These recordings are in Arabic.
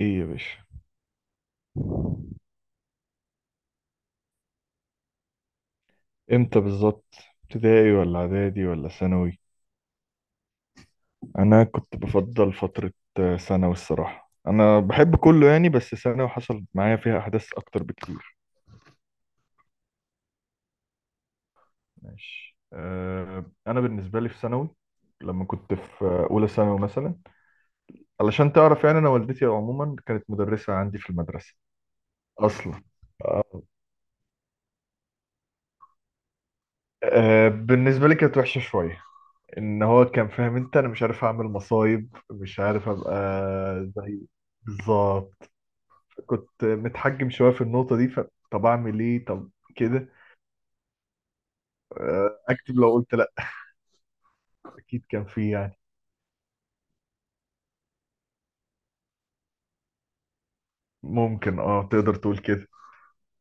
ايه يا باشا؟ امتى بالظبط؟ ابتدائي ولا اعدادي ولا ثانوي؟ انا كنت بفضل فترة. ثانوي الصراحة، انا بحب كله يعني، بس ثانوي حصل معايا فيها احداث اكتر بكتير. ماشي. انا بالنسبة لي في ثانوي، لما كنت في اولى ثانوي مثلا، علشان تعرف يعني، انا والدتي عموما كانت مدرسة عندي في المدرسة. اصلا. أه، بالنسبة لي كانت وحشة شوية، ان هو كان فاهم انت، انا مش عارف اعمل مصايب، مش عارف ابقى زي... بالظبط. كنت متحجم شويه في النقطه دي، فطب اعمل ايه؟ طب كده. اكتب لو قلت لا اكيد كان فيه يعني. ممكن، اه، تقدر تقول كده،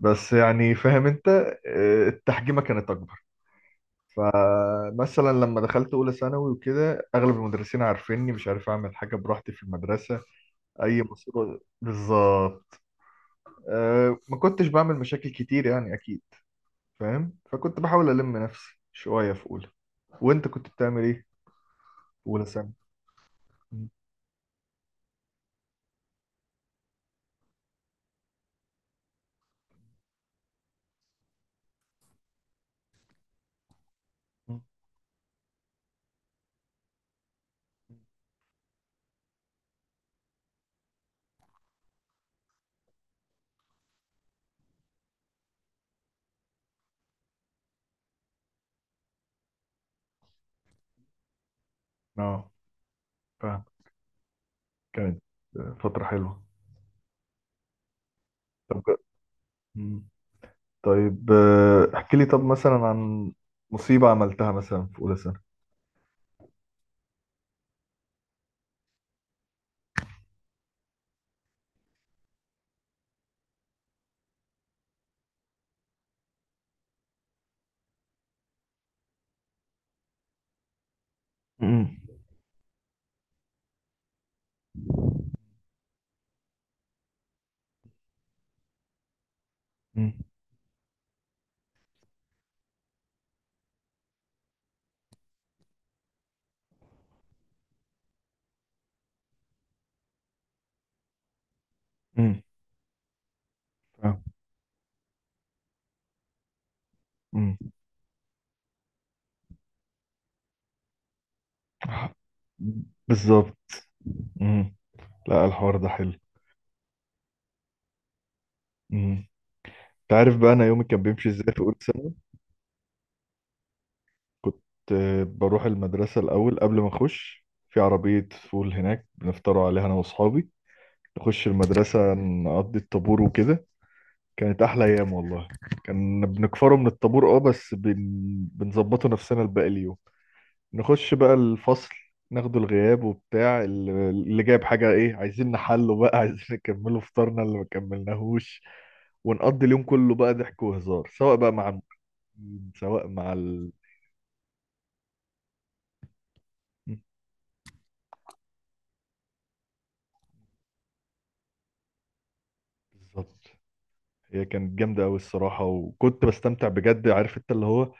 بس يعني فاهم انت. التحجيمه كانت اكبر، فمثلا لما دخلت اولى ثانوي وكده اغلب المدرسين عارفيني، مش عارف اعمل حاجه براحتي في المدرسه، اي مصيبه بالظبط. ما كنتش بعمل مشاكل كتير يعني اكيد، فاهم؟ فكنت بحاول ألم نفسي شوية في أولى. وأنت كنت بتعمل إيه في أولى ثانوي؟ مم. أه، فاهم. كانت فترة حلوة. طب مم. طيب، احكي لي طب مثلا عن مصيبة عملتها مثلا في أولى ثانوي. مم. مم. مم. فاهم. مم. بالظبط. مم. لا، الحوار ده حلو. مم. انت عارف بقى انا يومي كان بيمشي ازاي في اولى ثانوي؟ كنت بروح المدرسه الاول، قبل ما اخش في عربيه فول هناك بنفطروا عليها انا واصحابي، نخش المدرسة، نقضي الطابور وكده. كانت أحلى أيام والله. كان بنكفره من الطابور، اه بس بنظبطه نفسنا لباقي اليوم. نخش بقى الفصل، ناخده الغياب وبتاع، اللي جايب حاجة ايه، عايزين نحله بقى عايزين نكمله فطارنا اللي ما كملناهوش، ونقضي اليوم كله بقى ضحك وهزار، سواء بقى مع المدرسين، سواء مع بالظبط. هي كانت جامدة أوي الصراحة، وكنت بستمتع بجد، عارف أنت، اللي هو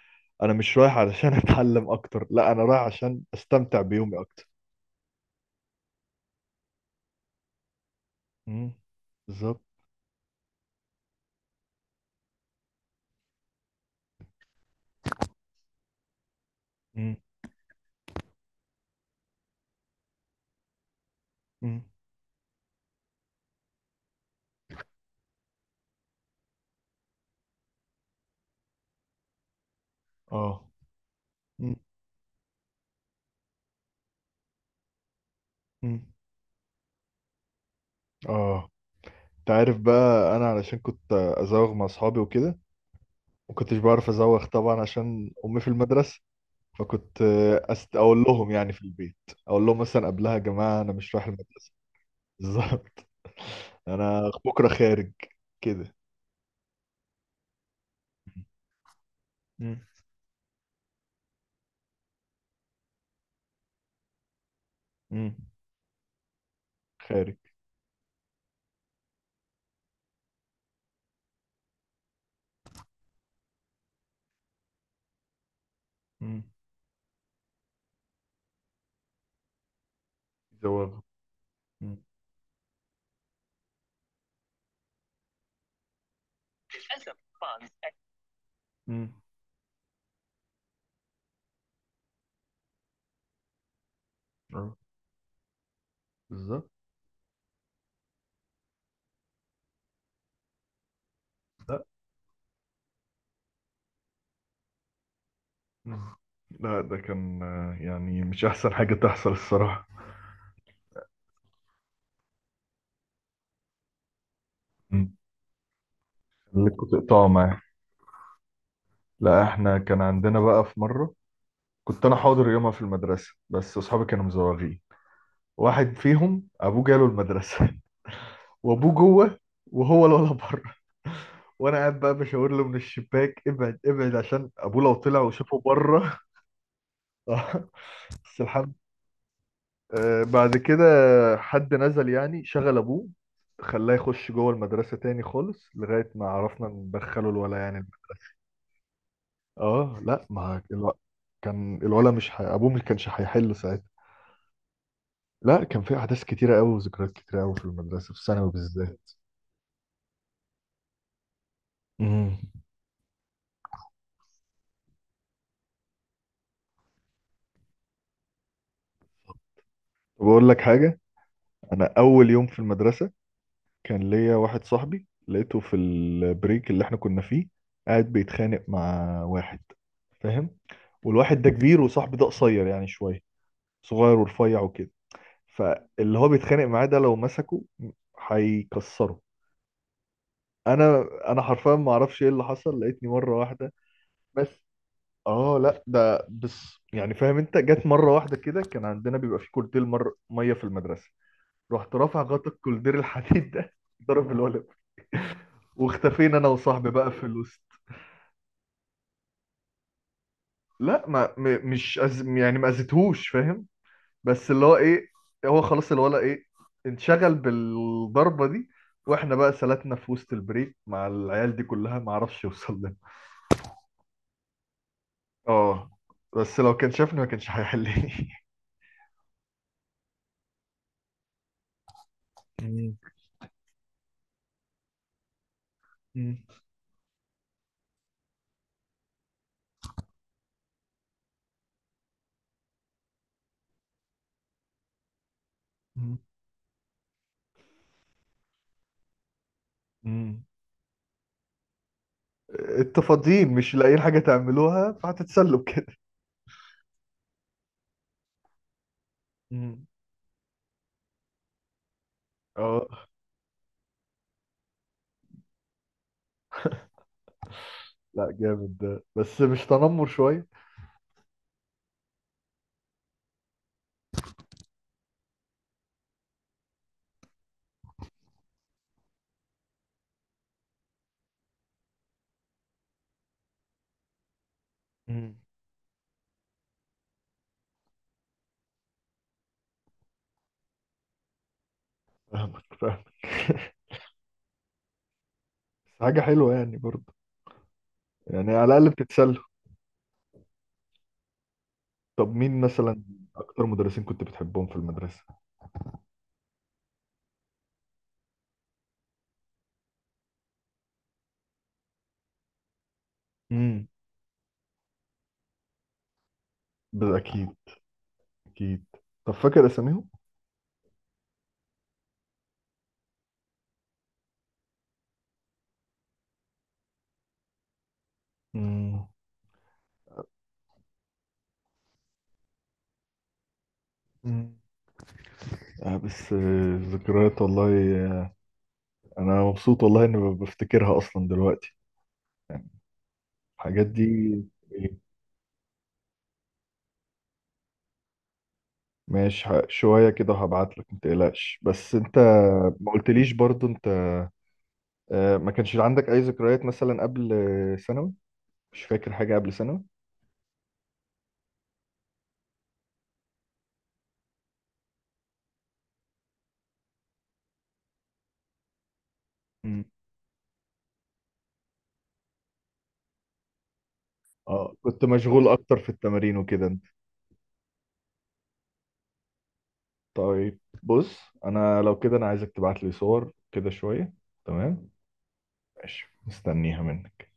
أنا مش رايح علشان أتعلم أكتر، لا، أنا رايح عشان أستمتع بيومي أكتر. مم. بالظبط. مم. مم. آه. مم. مم. آه، أنت عارف بقى أنا علشان كنت أزوغ مع أصحابي وكده مكنتش بعرف أزوغ طبعا عشان أمي في المدرسة. فكنت أقول لهم يعني في البيت، أقول لهم مثلا قبلها يا جماعة أنا مش رايح المدرسة. بالظبط. أنا بكرة خارج كده. مم. مم. خارج. مم. زواغ. مم. مم. اه بالظبط. لا. مم. لا، ده كان يعني مش احسن حاجة تحصل الصراحة. مم. خليكوا تقطعوا معاه. لا، احنا كان عندنا بقى في مرة، كنت انا حاضر يومها في المدرسة بس اصحابي كانوا مزوغين. واحد فيهم ابوه جاله المدرسة. وابوه جوه، وهو الولد بره. وانا قاعد بقى بشاور له من الشباك، ابعد ابعد، عشان ابوه لو طلع وشافه بره. بس الحمد. بعد كده حد نزل يعني شغل ابوه، خلاه يخش جوه المدرسة تاني خالص، لغاية ما عرفنا ندخله الولا يعني. اه، لا، ما الو... كان الولا مش ح... ابوه مش كانش هيحل ساعتها. لا، كان في احداث كتيرة قوي وذكريات كتيرة قوي في المدرسة، في ثانوي بالذات. امم بقول لك حاجة. انا اول يوم في المدرسة كان ليا واحد صاحبي لقيته في البريك اللي احنا كنا فيه قاعد بيتخانق مع واحد، فاهم؟ والواحد ده كبير وصاحبي ده قصير يعني شوية، صغير ورفيع وكده، فاللي هو بيتخانق معاه ده لو مسكه هيكسره. انا حرفيا ما اعرفش ايه اللي حصل، لقيتني مره واحده، بس. اه لا ده بس، يعني فاهم انت، جت مره واحده كده، كان عندنا بيبقى في كولدير مر ميه في المدرسه، رحت رافع غطا الكولدير الحديد ده ضرب الولد، واختفينا انا وصاحبي بقى في الوسط. لا، ما م- مش أز... يعني ما اذيتهوش، فاهم؟ بس اللي هو ايه، هو خلاص الولا ايه، انشغل بالضربة دي، واحنا بقى سلتنا في وسط البريك مع العيال دي كلها ما عرفش يوصل لنا. اه، بس لو كان شافني ما كانش هيحلني. مم. مم. مم. مم. انتوا فاضيين، مش لاقيين حاجة تعملوها، فهتتسلوا كده. مم. اه، لا، جامد ده، بس مش تنمر شوية؟ مم. فاهمك فاهمك. حاجة حلوة يعني برضه، يعني على الأقل بتتسلى. طب مين مثلا اكتر مدرسين كنت بتحبهم في المدرسة؟ امم، اكيد اكيد. طب فاكر اساميهم؟ امم. أمم. آه، بس ذكريات والله. آه، انا مبسوط والله اني بفتكرها اصلا دلوقتي، يعني، الحاجات دي. إيه، ماشي، شوية كده وهبعت لك، متقلقش، بس انت ما قلتليش برضو، انت ما كانش عندك اي ذكريات مثلا قبل ثانوي؟ مش فاكر حاجة قبل ثانوي؟ أمم. اه، كنت مشغول اكتر في التمارين وكده. طيب بص، انا لو كده انا عايزك تبعت لي صور كده شوية. تمام. ماشي مستنيها منك.